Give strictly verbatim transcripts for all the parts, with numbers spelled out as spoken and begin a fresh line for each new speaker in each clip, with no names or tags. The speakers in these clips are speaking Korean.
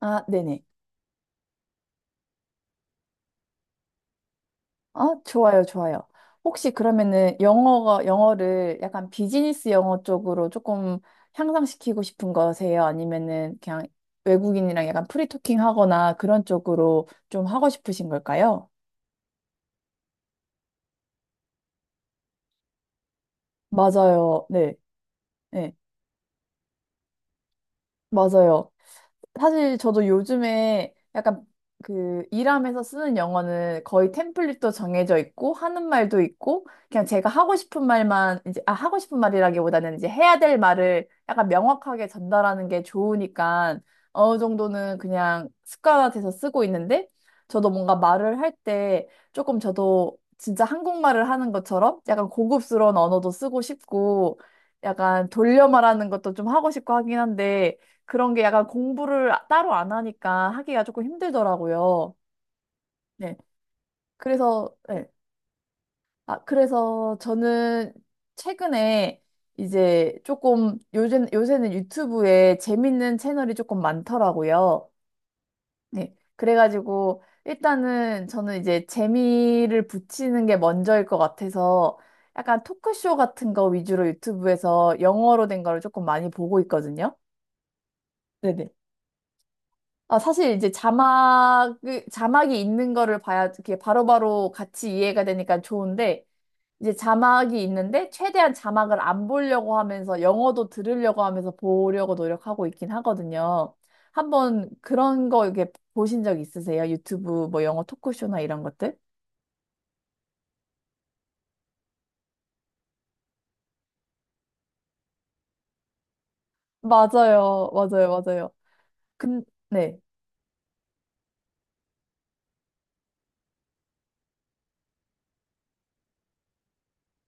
아, 네네. 아, 좋아요, 좋아요. 혹시 그러면은 영어가, 영어를 약간 비즈니스 영어 쪽으로 조금 향상시키고 싶은 거세요? 아니면은 그냥 외국인이랑 약간 프리토킹 하거나 그런 쪽으로 좀 하고 싶으신 걸까요? 맞아요. 네. 네. 맞아요. 사실 저도 요즘에 약간 그 일하면서 쓰는 영어는 거의 템플릿도 정해져 있고 하는 말도 있고 그냥 제가 하고 싶은 말만 이제 아 하고 싶은 말이라기보다는 이제 해야 될 말을 약간 명확하게 전달하는 게 좋으니까 어느 정도는 그냥 습관화돼서 쓰고 있는데 저도 뭔가 말을 할 때 조금 저도 진짜 한국말을 하는 것처럼 약간 고급스러운 언어도 쓰고 싶고 약간 돌려 말하는 것도 좀 하고 싶고 하긴 한데 그런 게 약간 공부를 아- 따로 안 하니까 하기가 조금 힘들더라고요. 네. 그래서, 네. 아, 그래서 저는 최근에 이제 조금 요즘, 요새는 유튜브에 재밌는 채널이 조금 많더라고요. 네. 그래가지고 일단은 저는 이제 재미를 붙이는 게 먼저일 것 같아서 약간 토크쇼 같은 거 위주로 유튜브에서 영어로 된 거를 조금 많이 보고 있거든요. 네네. 아, 사실 이제 자막, 자막이 있는 거를 봐야 이렇게 바로바로 같이 이해가 되니까 좋은데, 이제 자막이 있는데, 최대한 자막을 안 보려고 하면서, 영어도 들으려고 하면서 보려고 노력하고 있긴 하거든요. 한번 그런 거 이렇게 보신 적 있으세요? 유튜브 뭐 영어 토크쇼나 이런 것들? 맞아요. 맞아요. 맞아요. 근, 네.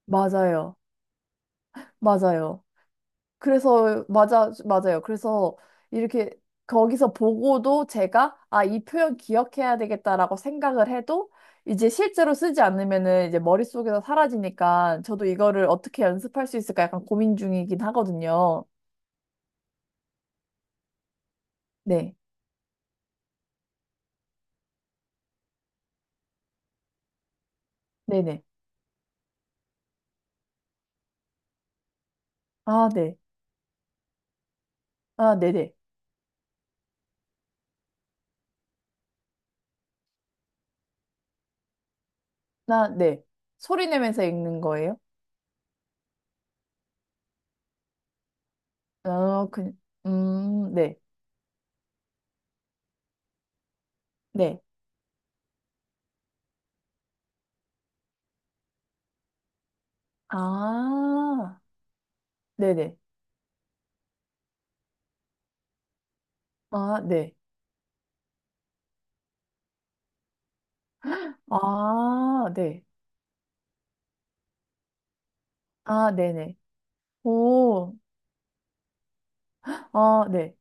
맞아요. 맞아요. 그래서 맞아 맞아요. 그래서 이렇게 거기서 보고도 제가 아, 이 표현 기억해야 되겠다라고 생각을 해도 이제 실제로 쓰지 않으면은 이제 머릿속에서 사라지니까 저도 이거를 어떻게 연습할 수 있을까 약간 고민 중이긴 하거든요. 네. 네네. 아, 네. 아, 네네. 나, 네. 소리 내면서 읽는 거예요? 어, 그, 음, 네. 네. 아, 네네. 아, 네. 아, 네. 아, 네네. 오, 아, 네.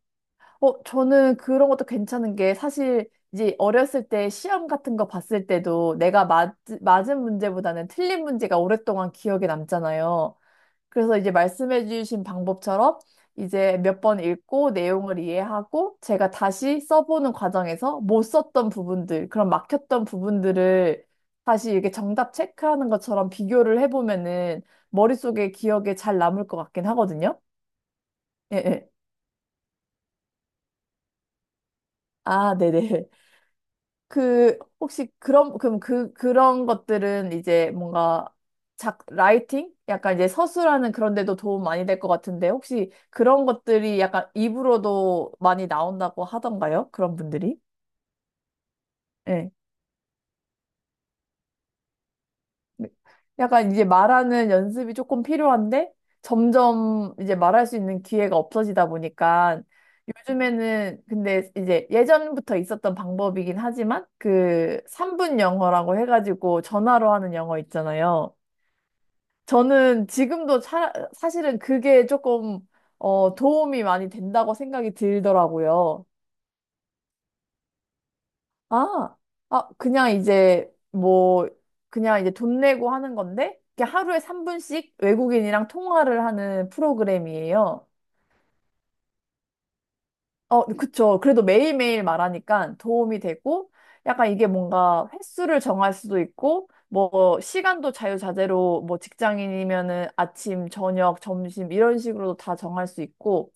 어, 저는 그런 것도 괜찮은 게 사실 이제 어렸을 때 시험 같은 거 봤을 때도 내가 맞, 맞은 문제보다는 틀린 문제가 오랫동안 기억에 남잖아요. 그래서 이제 말씀해 주신 방법처럼 이제 몇 번 읽고 내용을 이해하고 제가 다시 써보는 과정에서 못 썼던 부분들, 그런 막혔던 부분들을 다시 이렇게 정답 체크하는 것처럼 비교를 해보면은 머릿속에 기억에 잘 남을 것 같긴 하거든요. 예, 예. 아, 네네. 그, 혹시 그런, 그럼 그, 그런 것들은 이제 뭔가 작, 라이팅? 약간 이제 서술하는 그런 데도 도움 많이 될 것 같은데, 혹시 그런 것들이 약간 입으로도 많이 나온다고 하던가요? 그런 분들이? 예. 네. 약간 이제 말하는 연습이 조금 필요한데 점점 이제 말할 수 있는 기회가 없어지다 보니까 요즘에는 근데 이제 예전부터 있었던 방법이긴 하지만 그 삼 분 영어라고 해가지고 전화로 하는 영어 있잖아요. 저는 지금도 차, 사실은 그게 조금 어, 도움이 많이 된다고 생각이 들더라고요. 아, 아, 그냥 이제 뭐, 그냥 이제 돈 내고 하는 건데, 이게 하루에 삼 분씩 외국인이랑 통화를 하는 프로그램이에요. 어, 그쵸. 그래도 매일매일 말하니까 도움이 되고, 약간 이게 뭔가 횟수를 정할 수도 있고, 뭐, 시간도 자유자재로 뭐 직장인이면은 아침, 저녁, 점심 이런 식으로도 다 정할 수 있고,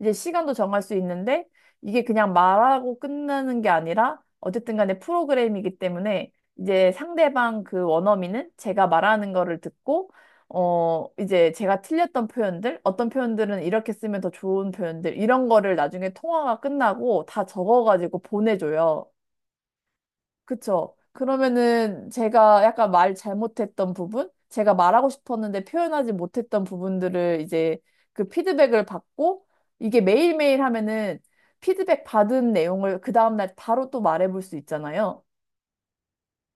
이제 시간도 정할 수 있는데 이게 그냥 말하고 끝나는 게 아니라 어쨌든 간에 프로그램이기 때문에 이제 상대방 그 원어민은 제가 말하는 거를 듣고 어 이제 제가 틀렸던 표현들 어떤 표현들은 이렇게 쓰면 더 좋은 표현들 이런 거를 나중에 통화가 끝나고 다 적어가지고 보내줘요. 그쵸. 그러면은 제가 약간 말 잘못했던 부분, 제가 말하고 싶었는데 표현하지 못했던 부분들을 이제 그 피드백을 받고 이게 매일매일 하면은 피드백 받은 내용을 그 다음날 바로 또 말해볼 수 있잖아요.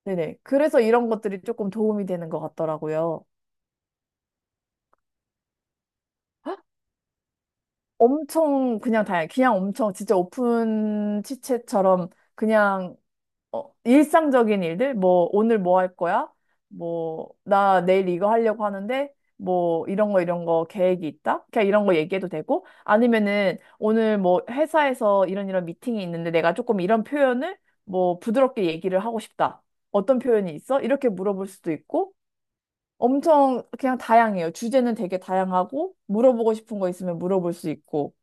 네네. 그래서 이런 것들이 조금 도움이 되는 것 같더라고요. 엄청 그냥 다양, 그냥 엄청 진짜 오픈 치챗처럼 그냥 어, 일상적인 일들, 뭐, 오늘 뭐 할 거야? 뭐, 나 내일 이거 하려고 하는데, 뭐, 이런 거, 이런 거 계획이 있다? 그냥 이런 거 얘기해도 되고, 아니면은, 오늘 뭐, 회사에서 이런 이런 미팅이 있는데, 내가 조금 이런 표현을, 뭐, 부드럽게 얘기를 하고 싶다. 어떤 표현이 있어? 이렇게 물어볼 수도 있고, 엄청 그냥 다양해요. 주제는 되게 다양하고, 물어보고 싶은 거 있으면 물어볼 수 있고,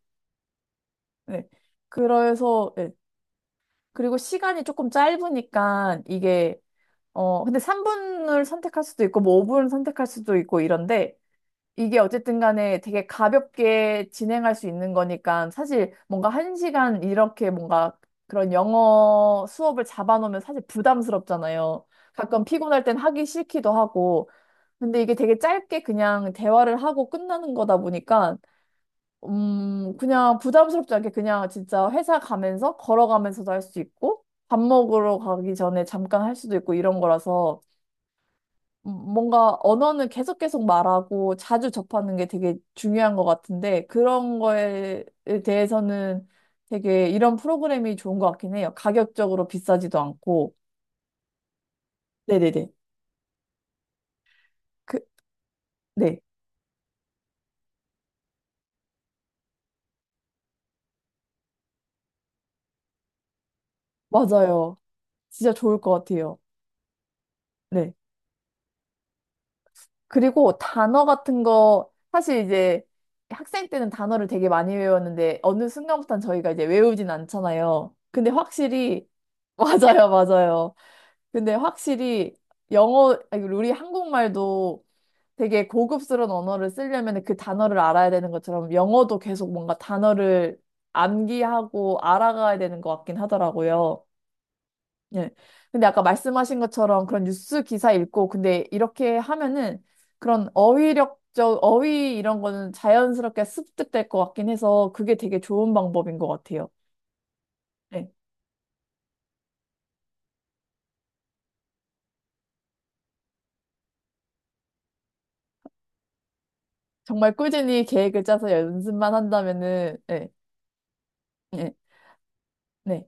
네. 그래서, 네. 그리고 시간이 조금 짧으니까, 이게, 어, 근데 삼 분을 선택할 수도 있고, 뭐 오 분을 선택할 수도 있고 이런데, 이게 어쨌든 간에 되게 가볍게 진행할 수 있는 거니까, 사실 뭔가 한 시간 이렇게 뭔가 그런 영어 수업을 잡아놓으면 사실 부담스럽잖아요. 가끔 피곤할 땐 하기 싫기도 하고, 근데 이게 되게 짧게 그냥 대화를 하고 끝나는 거다 보니까, 음, 그냥 부담스럽지 않게 그냥 진짜 회사 가면서 걸어가면서도 할 수 있고, 밥 먹으러 가기 전에 잠깐 할 수도 있고 이런 거라서, 음, 뭔가 언어는 계속 계속 말하고 자주 접하는 게 되게 중요한 것 같은데 그런 거에 대해서는 되게 이런 프로그램이 좋은 것 같긴 해요. 가격적으로 비싸지도 않고. 네네네. 그, 네. 맞아요. 진짜 좋을 것 같아요. 네. 그리고 단어 같은 거 사실 이제 학생 때는 단어를 되게 많이 외웠는데 어느 순간부터는 저희가 이제 외우진 않잖아요. 근데 확실히 맞아요, 맞아요. 근데 확실히 영어, 아니, 우리 한국말도 되게 고급스러운 언어를 쓰려면 그 단어를 알아야 되는 것처럼 영어도 계속 뭔가 단어를 암기하고 알아가야 되는 것 같긴 하더라고요. 예. 근데 아까 말씀하신 것처럼 그런 뉴스 기사 읽고 근데 이렇게 하면은 그런 어휘력적, 어휘 이런 거는 자연스럽게 습득될 것 같긴 해서 그게 되게 좋은 방법인 것 같아요. 예. 정말 꾸준히 계획을 짜서 연습만 한다면은, 예. 예. 네.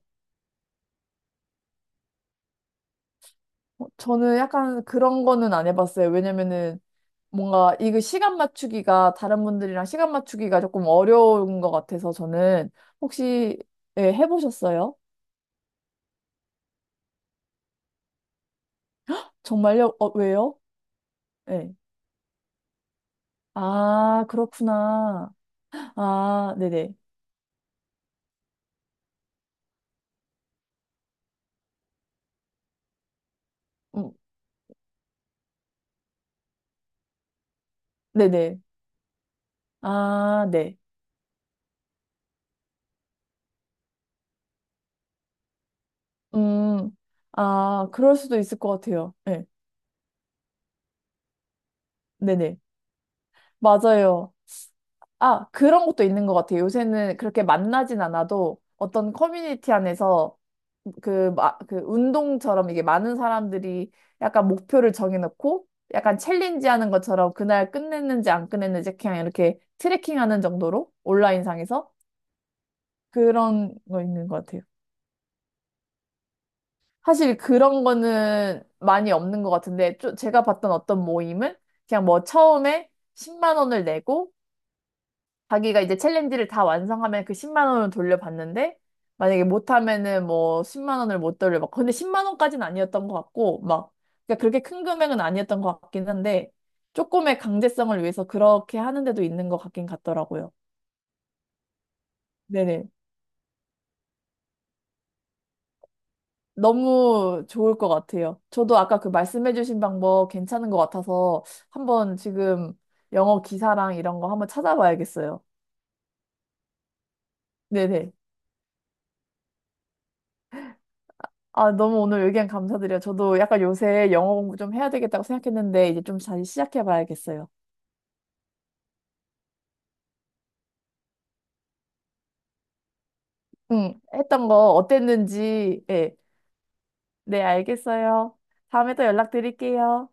어, 저는 약간 그런 거는 안 해봤어요. 왜냐면은 뭔가 이거 시간 맞추기가 다른 분들이랑 시간 맞추기가 조금 어려운 것 같아서 저는 혹시 예, 해보셨어요? 정말요? 어, 왜요? 예. 아, 그렇구나. 아, 네네. 음, 네네. 아, 네. 음, 아, 그럴 수도 있을 것 같아요. 예. 네네. 맞아요. 아, 그런 것도 있는 것 같아요. 요새는 그렇게 만나진 않아도 어떤 커뮤니티 안에서 그, 마, 그 운동처럼 이게 많은 사람들이 약간 목표를 정해놓고 약간 챌린지 하는 것처럼 그날 끝냈는지 안 끝냈는지 그냥 이렇게 트래킹 하는 정도로 온라인상에서 그런 거 있는 것 같아요. 사실 그런 거는 많이 없는 것 같은데, 좀 제가 봤던 어떤 모임은 그냥 뭐 처음에 십만 원을 내고 자기가 이제 챌린지를 다 완성하면 그 십만 원을 돌려받는데 만약에 못하면은 뭐 십만 원을 못 돌려받고 근데 십만 원까지는 아니었던 것 같고 막 그러니까 그렇게 큰 금액은 아니었던 것 같긴 한데 조금의 강제성을 위해서 그렇게 하는 데도 있는 것 같긴 같더라고요. 네네. 너무 좋을 것 같아요. 저도 아까 그 말씀해주신 방법 괜찮은 것 같아서 한번 지금 영어 기사랑 이런 거 한번 찾아봐야겠어요. 네네. 아, 너무 오늘 의견 감사드려요. 저도 약간 요새 영어 공부 좀 해야 되겠다고 생각했는데, 이제 좀 다시 시작해 봐야겠어요. 응, 했던 거 어땠는지, 예. 네, 알겠어요. 다음에 또 연락드릴게요.